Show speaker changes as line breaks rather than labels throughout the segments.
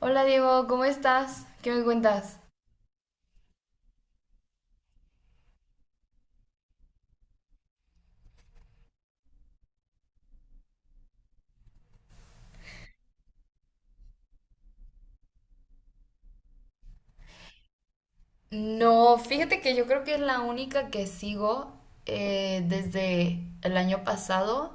Hola Diego, ¿cómo estás? ¿Qué me cuentas? No, fíjate que yo creo que es la única que sigo desde el año pasado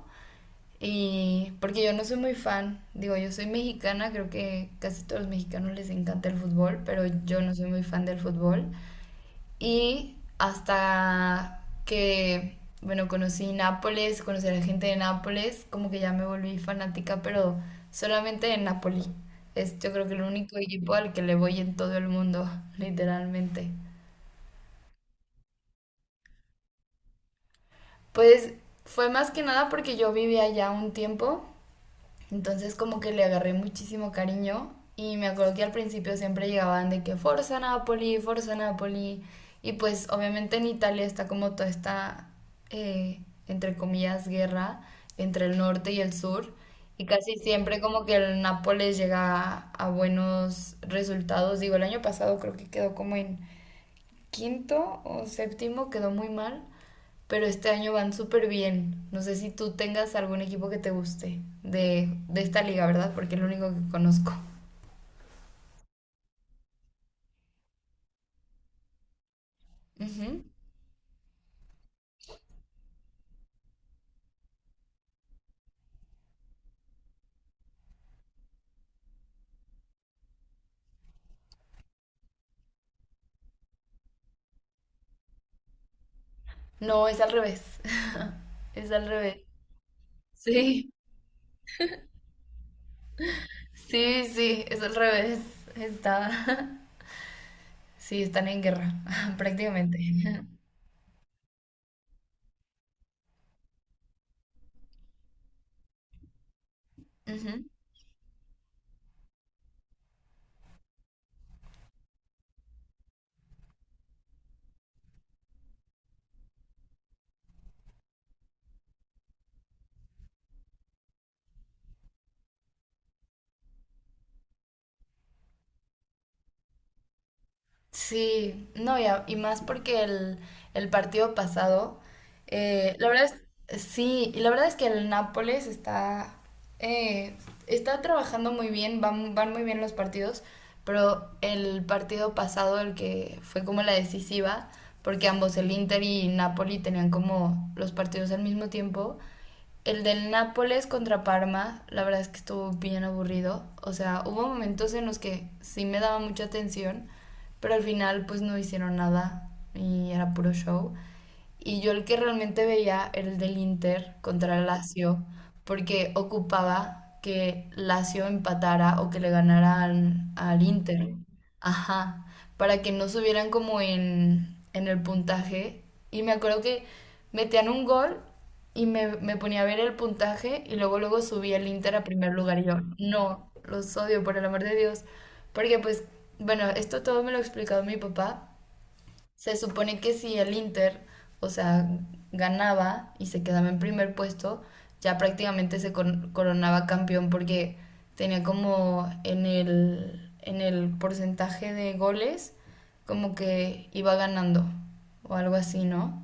y porque yo no soy muy fan, digo, yo soy mexicana, creo que casi todos los mexicanos les encanta el fútbol, pero yo no soy muy fan del fútbol. Y hasta que, bueno, conocí Nápoles, conocí a la gente de Nápoles, como que ya me volví fanática, pero solamente de Napoli. Es yo creo que el único equipo al que le voy en todo el mundo, literalmente. Pues fue más que nada porque yo vivía allá un tiempo. Entonces como que le agarré muchísimo cariño y me acuerdo que al principio siempre llegaban de que Forza Napoli, Forza Napoli. Y pues obviamente en Italia está como toda esta, eh, entre comillas, guerra entre el norte y el sur. Y casi siempre como que el Nápoles llega a buenos resultados. Digo, el año pasado creo que quedó como en quinto o séptimo, quedó muy mal, pero este año van súper bien. No sé si tú tengas algún equipo que te guste de esta liga, ¿verdad? Porque es lo único que conozco. Ujú. No, es al revés. Es al revés. Sí, sí, sí, es al revés. Está. Sí, están en guerra, prácticamente. Ujú. Sí, no, y, y más porque el partido pasado, la verdad es, sí, y la verdad es que el Nápoles está, eh, está trabajando muy bien, van, van muy bien los partidos, pero el partido pasado, el que fue como la decisiva, porque ambos el Inter y Napoli tenían como los partidos al mismo tiempo, el del Nápoles contra Parma, la verdad es que estuvo bien aburrido. O sea, hubo momentos en los que sí me daba mucha atención, pero al final pues no hicieron nada y era puro show. Y yo el que realmente veía era el del Inter contra el Lazio, porque ocupaba que Lazio empatara o que le ganara al Inter. Ajá, para que no subieran como en el puntaje. Y me acuerdo que metían un gol y me ponía a ver el puntaje y luego luego subía el Inter a primer lugar y yo, no, los odio, por el amor de Dios. Porque pues, bueno, esto todo me lo ha explicado mi papá. Se supone que si el Inter, o sea, ganaba y se quedaba en primer puesto, ya prácticamente coronaba campeón porque tenía como en el porcentaje de goles, como que iba ganando o algo así, ¿no?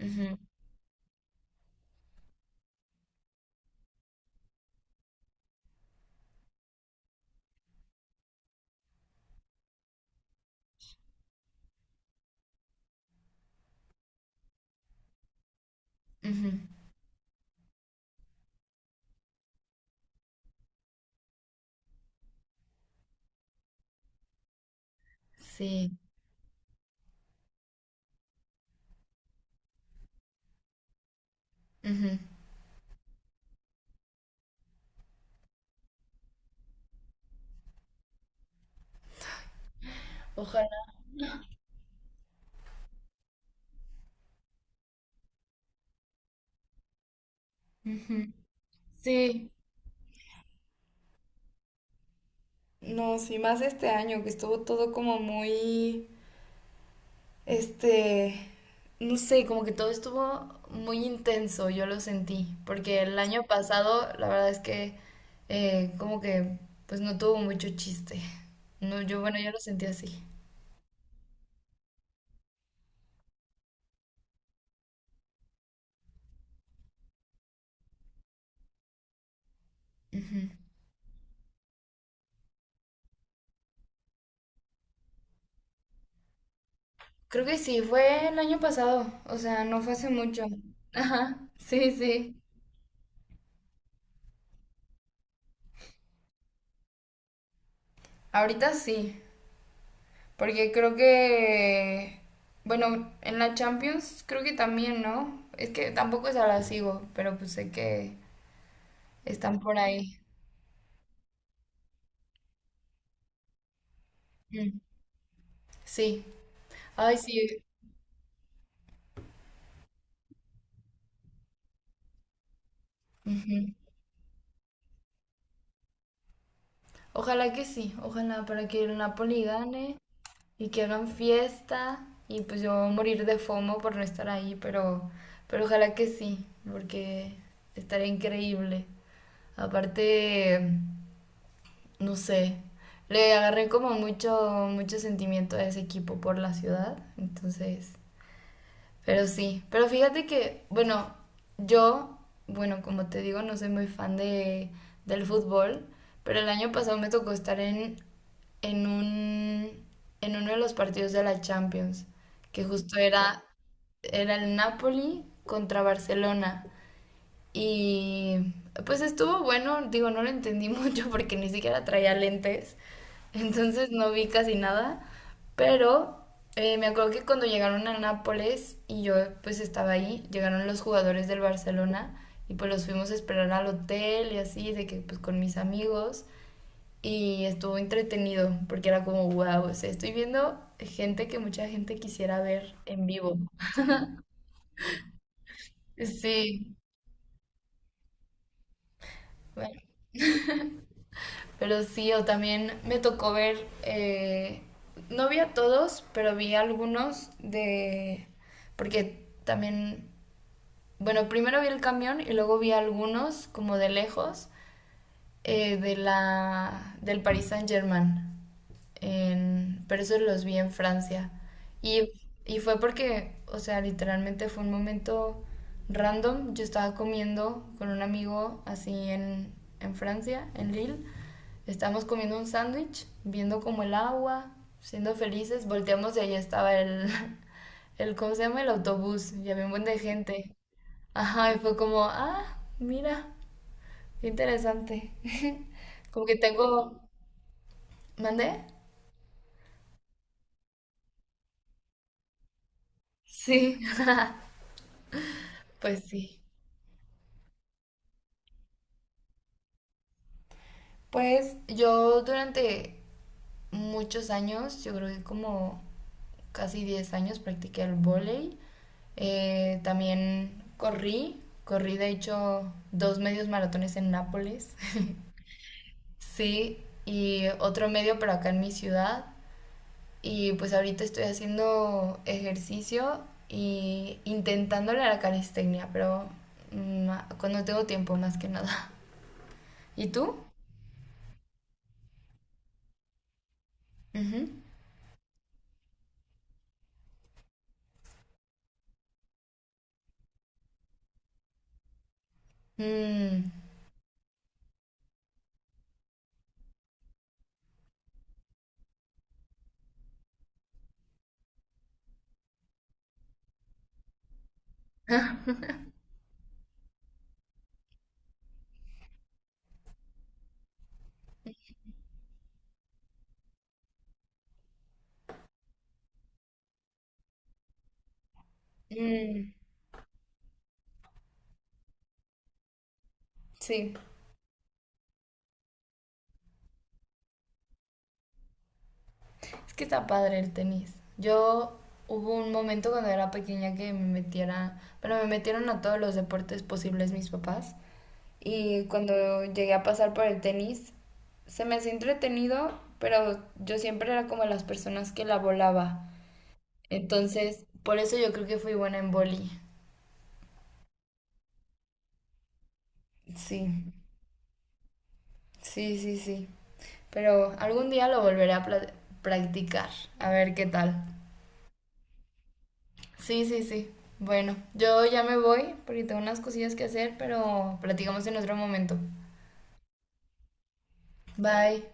Ujú, ujú. Sí. Ujú. Ojalá. Ujú. Sí. No, sí, más este año que estuvo todo como muy. Este, no sé, como que todo estuvo muy intenso, yo lo sentí, porque el año pasado la verdad es que como que pues no tuvo mucho chiste. No, yo bueno, yo lo sentí así. Ujú. Creo que sí, fue el año pasado, o sea, no fue hace mucho. Ajá, sí, sí. Ahorita sí, porque creo que, bueno, en la Champions creo que también, ¿no? Es que tampoco se la sigo, pero pues sé que están por ahí. Mm, sí, ay sí, ujú. Ojalá que sí, ojalá para que el Napoli gane y que hagan fiesta y pues yo voy a morir de FOMO por no estar ahí, pero ojalá que sí, porque estaría increíble. Aparte, no sé, le agarré como mucho sentimiento a ese equipo por la ciudad, entonces. Pero sí, pero fíjate que, bueno, yo, bueno, como te digo, no soy muy fan de, del fútbol, pero el año pasado me tocó estar en, en un, en uno de los partidos de la Champions, que justo era, era el Napoli contra Barcelona. Y pues estuvo bueno, digo, no lo entendí mucho porque ni siquiera traía lentes, entonces no vi casi nada, pero me acuerdo que cuando llegaron a Nápoles y yo pues estaba ahí, llegaron los jugadores del Barcelona y pues los fuimos a esperar al hotel y así, de que pues con mis amigos y estuvo entretenido porque era como, wow, o sea, estoy viendo gente que mucha gente quisiera ver en vivo. Sí, bueno. Pero sí, o también me tocó ver, no vi a todos, pero vi algunos de, porque también, bueno, primero vi el camión y luego vi algunos como de lejos, de la, del Paris Saint-Germain, pero eso los vi en Francia. Y, y fue porque, o sea, literalmente fue un momento random. Yo estaba comiendo con un amigo así en Francia, en Lille. Estábamos comiendo un sándwich, viendo como el agua, siendo felices. Volteamos y ahí estaba el, el, ¿cómo se llama? El autobús. Y había un buen de gente. Ajá, y fue como, ah, mira. Qué interesante. Como que tengo... ¿Mandé? Sí, pues sí. Pues yo durante muchos años, yo creo que como casi 10 años practiqué el vóley. También corrí, corrí de hecho 2 medios maratones en Nápoles. Sí, y otro medio pero acá en mi ciudad. Y pues ahorita estoy haciendo ejercicio y intentándole a la calistenia, pero mm, cuando tengo tiempo más que nada. ¿Y tú? Ujú. Mm. Mm, sí, es que está padre el tenis. Yo hubo un momento cuando era pequeña que me metiera, bueno, me metieron a todos los deportes posibles mis papás. Y cuando llegué a pasar por el tenis, se me hacía entretenido, pero yo siempre era como las personas que la volaba. Entonces, por eso yo creo que fui buena en boli. Sí, sí, sí, sí. Pero algún día lo volveré a practicar, a ver qué tal. Sí, sí, sí. Bueno, yo ya me voy porque tengo unas cosillas que hacer, pero platicamos en otro momento. Bye.